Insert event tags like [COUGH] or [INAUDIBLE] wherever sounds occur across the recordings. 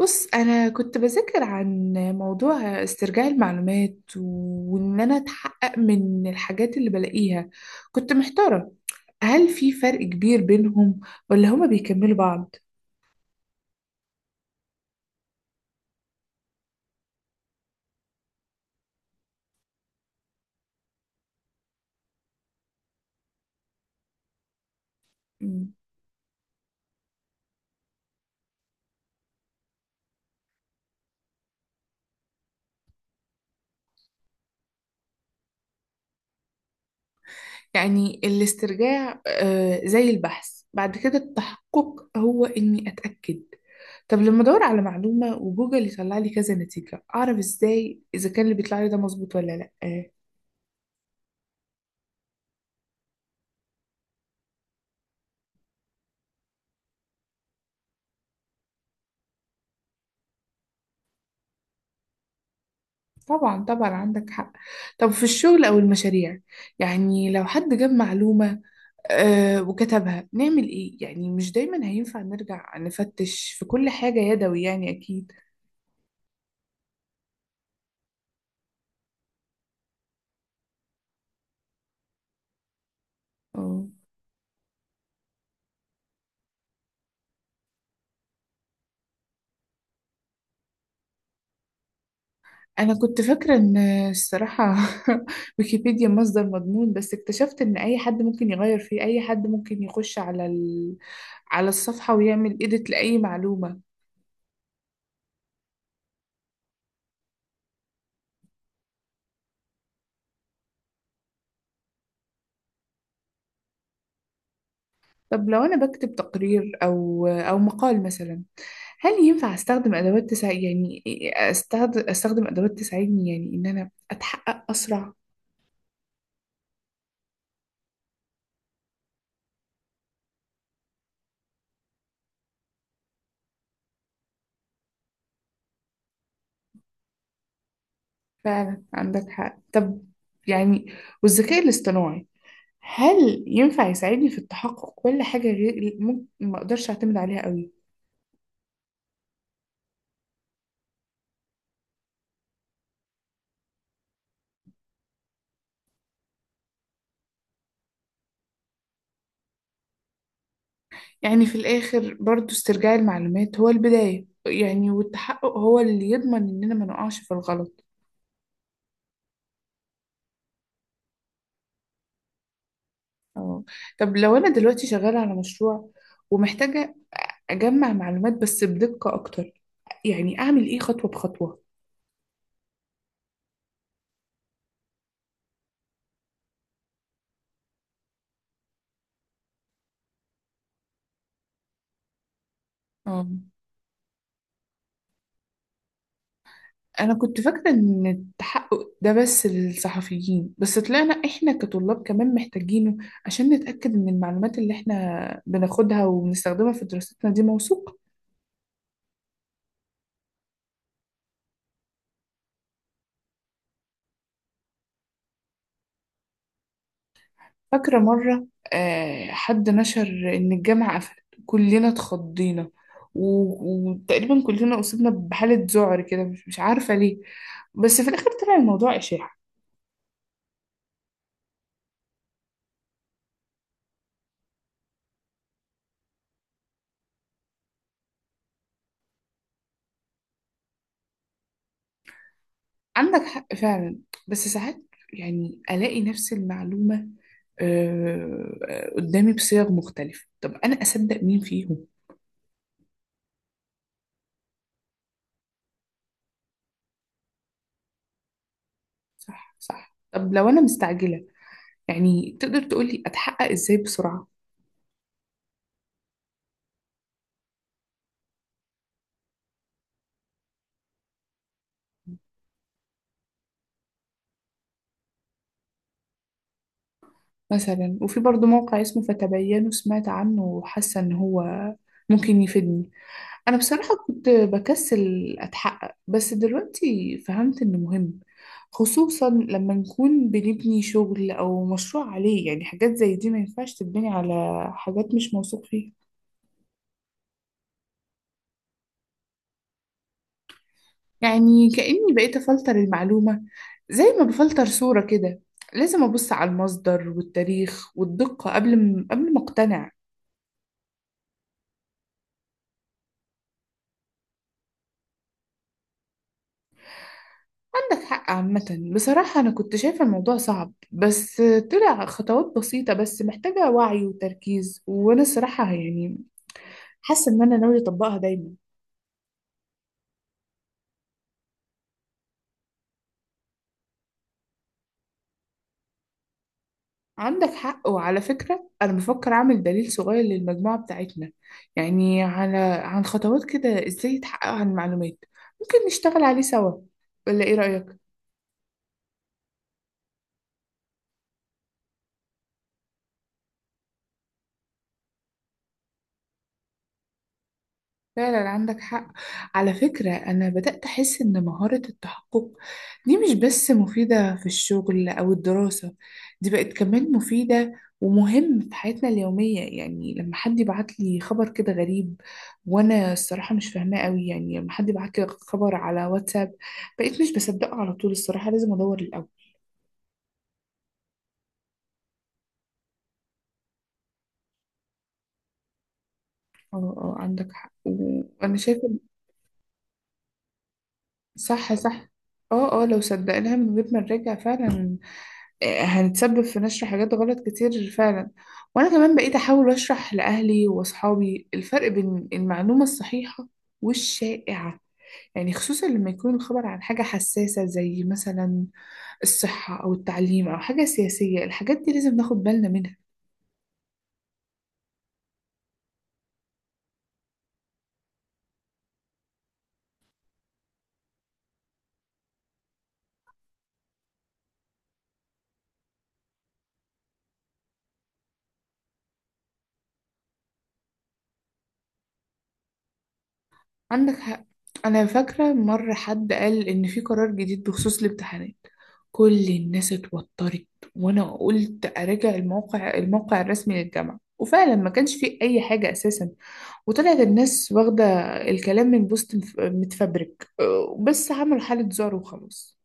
بص، أنا كنت بذاكر عن موضوع استرجاع المعلومات وإن أنا أتحقق من الحاجات اللي بلاقيها. كنت محتارة، هل في فرق كبير بينهم ولا هما بيكملوا بعض؟ مم. يعني الاسترجاع آه زي البحث، بعد كده التحقق هو إني أتأكد. طب لما أدور على معلومة وجوجل يطلع لي كذا نتيجة، أعرف إزاي إذا كان اللي بيطلع لي ده مظبوط ولا لأ؟ طبعا طبعا، عندك حق. طب في الشغل أو المشاريع، يعني لو حد جاب معلومة وكتبها، نعمل إيه؟ يعني مش دايما هينفع نرجع نفتش في كل حاجة يدوي، يعني أكيد. اه، أنا كنت فاكرة إن، الصراحة، [LAUGHS] ويكيبيديا مصدر مضمون، بس اكتشفت إن أي حد ممكن يغير فيه، أي حد ممكن يخش على على الصفحة ويعمل إيديت لأي معلومة. طب لو أنا بكتب تقرير أو مقال مثلا، هل ينفع استخدم ادوات تساعد؟ يعني استخدم ادوات تساعدني يعني ان انا اتحقق اسرع. فعلا عندك حق. طب يعني، والذكاء الاصطناعي، هل ينفع يساعدني في التحقق، ولا حاجة غير ممكن ما اقدرش اعتمد عليها قوي؟ يعني في الاخر برضو استرجاع المعلومات هو البداية يعني، والتحقق هو اللي يضمن اننا ما نقعش في الغلط. اه. طب لو انا دلوقتي شغالة على مشروع ومحتاجة أجمع معلومات بس بدقة أكتر، يعني أعمل إيه خطوة بخطوة؟ اه. أنا كنت فاكرة إن التحقق ده بس للصحفيين، بس طلعنا إحنا كطلاب كمان محتاجينه، عشان نتأكد إن المعلومات اللي إحنا بناخدها وبنستخدمها في دراستنا دي موثوقة. فاكرة مرة آه حد نشر إن الجامعة قفلت، كلنا اتخضينا، وتقريبا كلنا أصبنا بحالة ذعر كده، مش عارفة ليه. بس في الآخر طلع الموضوع إشاعة. عندك حق فعلا. بس ساعات يعني ألاقي نفس المعلومة، قدامي بصيغ مختلفة، طب أنا أصدق مين فيهم؟ صح صح. طب لو أنا مستعجلة، يعني تقدر تقولي أتحقق إزاي بسرعة؟ مثلا، وفي برضو موقع اسمه فتبينوا، سمعت عنه وحاسة إن هو ممكن يفيدني. انا بصراحة كنت بكسل اتحقق، بس دلوقتي فهمت انه مهم، خصوصا لما نكون بنبني شغل او مشروع عليه. يعني حاجات زي دي ما ينفعش تتبني على حاجات مش موثوق فيها. يعني كأني بقيت افلتر المعلومة زي ما بفلتر صورة كده، لازم ابص على المصدر والتاريخ والدقة قبل ما اقتنع. عندك حق. عامة بصراحة أنا كنت شايفة الموضوع صعب، بس طلع خطوات بسيطة، بس محتاجة وعي وتركيز، وأنا الصراحة يعني حاسة إن أنا ناوية أطبقها دايما. عندك حق. وعلى فكرة أنا بفكر أعمل دليل صغير للمجموعة بتاعتنا، يعني على، عن خطوات كده إزاي يتحقق عن المعلومات، ممكن نشتغل عليه سوا، ولا إيه رأيك؟ فعلا عندك حق. على فكرة أنا بدأت أحس إن مهارة التحقق دي مش بس مفيدة في الشغل أو الدراسة، دي بقت كمان مفيدة ومهم في حياتنا اليومية، يعني لما حد يبعت لي خبر كده غريب وأنا الصراحة مش فاهماه قوي، يعني لما حد يبعت لي خبر على واتساب بقيت مش بصدقه على طول، الصراحة لازم أدور الأول. اه اه عندك حق. وأنا شايفة صح صح، اه اه، لو صدقناها من غير ما نراجع، فعلا هنتسبب في نشر حاجات غلط كتير فعلا. وانا كمان بقيت احاول اشرح لاهلي واصحابي الفرق بين المعلومة الصحيحة والشائعة، يعني خصوصا لما يكون الخبر عن حاجة حساسة زي مثلا الصحة او التعليم او حاجة سياسية، الحاجات دي لازم ناخد بالنا منها. عندك حق. انا فاكرة مرة حد قال ان في قرار جديد بخصوص الامتحانات، كل الناس اتوترت، وانا قلت اراجع الموقع الرسمي للجامعة، وفعلا ما كانش فيه اي حاجة اساسا، وطلعت الناس واخدة الكلام من بوست متفبرك، أه، بس عملوا حالة ذعر وخلاص.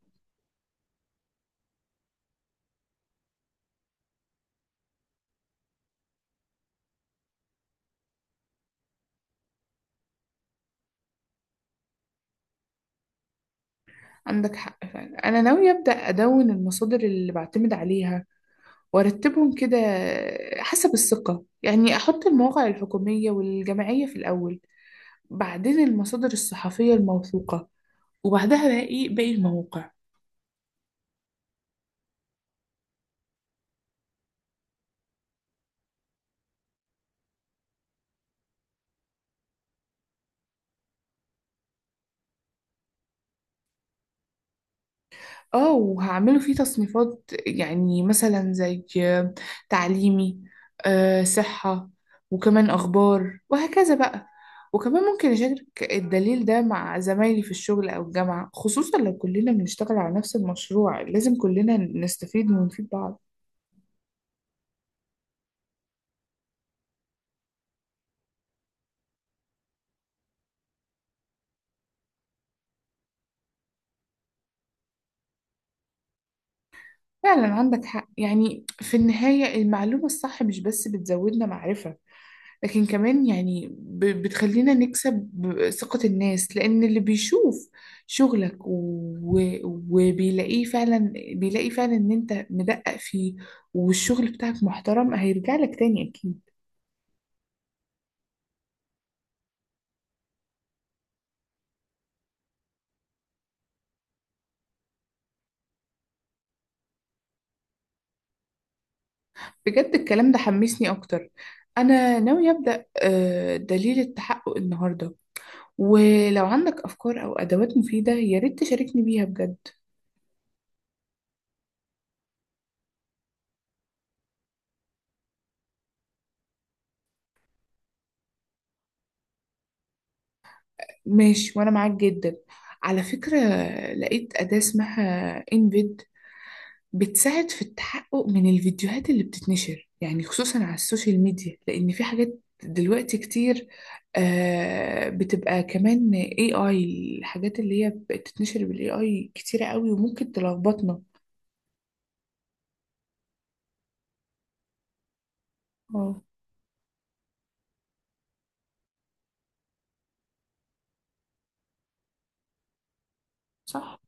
عندك حق فعلا. أنا ناوية أبدأ أدون المصادر اللي بعتمد عليها وأرتبهم كده حسب الثقة، يعني أحط المواقع الحكومية والجمعية في الأول، بعدين المصادر الصحفية الموثوقة، وبعدها باقي المواقع. اه وهعمله فيه تصنيفات يعني مثلا زي تعليمي، آه، صحة، وكمان أخبار وهكذا بقى. وكمان ممكن أشارك الدليل ده مع زمايلي في الشغل أو الجامعة، خصوصا لو كلنا بنشتغل على نفس المشروع لازم كلنا نستفيد ونفيد بعض. فعلا عندك حق، يعني في النهاية المعلومة الصح مش بس بتزودنا معرفة، لكن كمان يعني بتخلينا نكسب ثقة الناس، لأن اللي بيشوف شغلك وبيلاقيه فعلا بيلاقي فعلا إن أنت مدقق فيه والشغل بتاعك محترم، هيرجع لك تاني أكيد. بجد الكلام ده حمسني أكتر، أنا ناوية أبدأ دليل التحقق النهاردة، ولو عندك أفكار أو أدوات مفيدة يا ريت تشاركني بيها بجد. ماشي وأنا معاك جدا. على فكرة لقيت أداة اسمها إنفيد، بتساعد في التحقق من الفيديوهات اللي بتتنشر، يعني خصوصا على السوشيال ميديا، لأن في حاجات دلوقتي كتير آه بتبقى كمان AI. الحاجات اللي هي بتتنشر بال AI كتيرة قوي وممكن تلخبطنا. اه صح.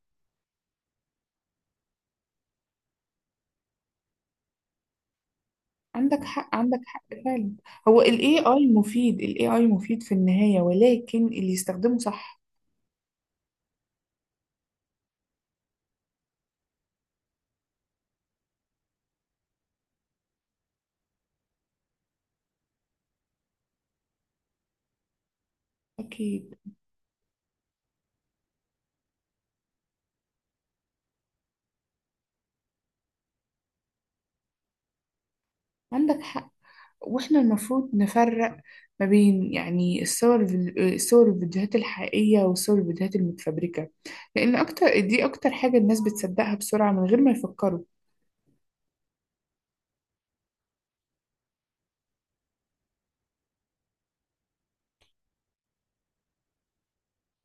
عندك حق، عندك حق فعلا. هو ال AI مفيد، في النهاية، ولكن اللي يستخدمه صح. أكيد. عندك حق. واحنا المفروض نفرق ما بين يعني الصور الفيديوهات الحقيقية والصور الفيديوهات المتفبركة، لأن أكتر حاجة الناس بتصدقها بسرعة من غير ما يفكروا.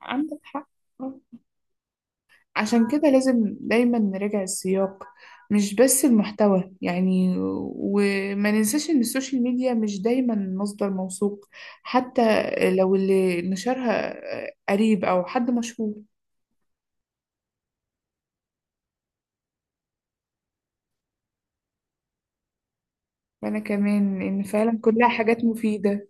عندك حق. آه. عشان كده لازم دايما نراجع السياق، مش بس المحتوى يعني، وما ننساش إن السوشيال ميديا مش دايما مصدر موثوق، حتى لو اللي نشرها قريب أو حد مشهور. وأنا كمان إن فعلا كلها حاجات مفيدة.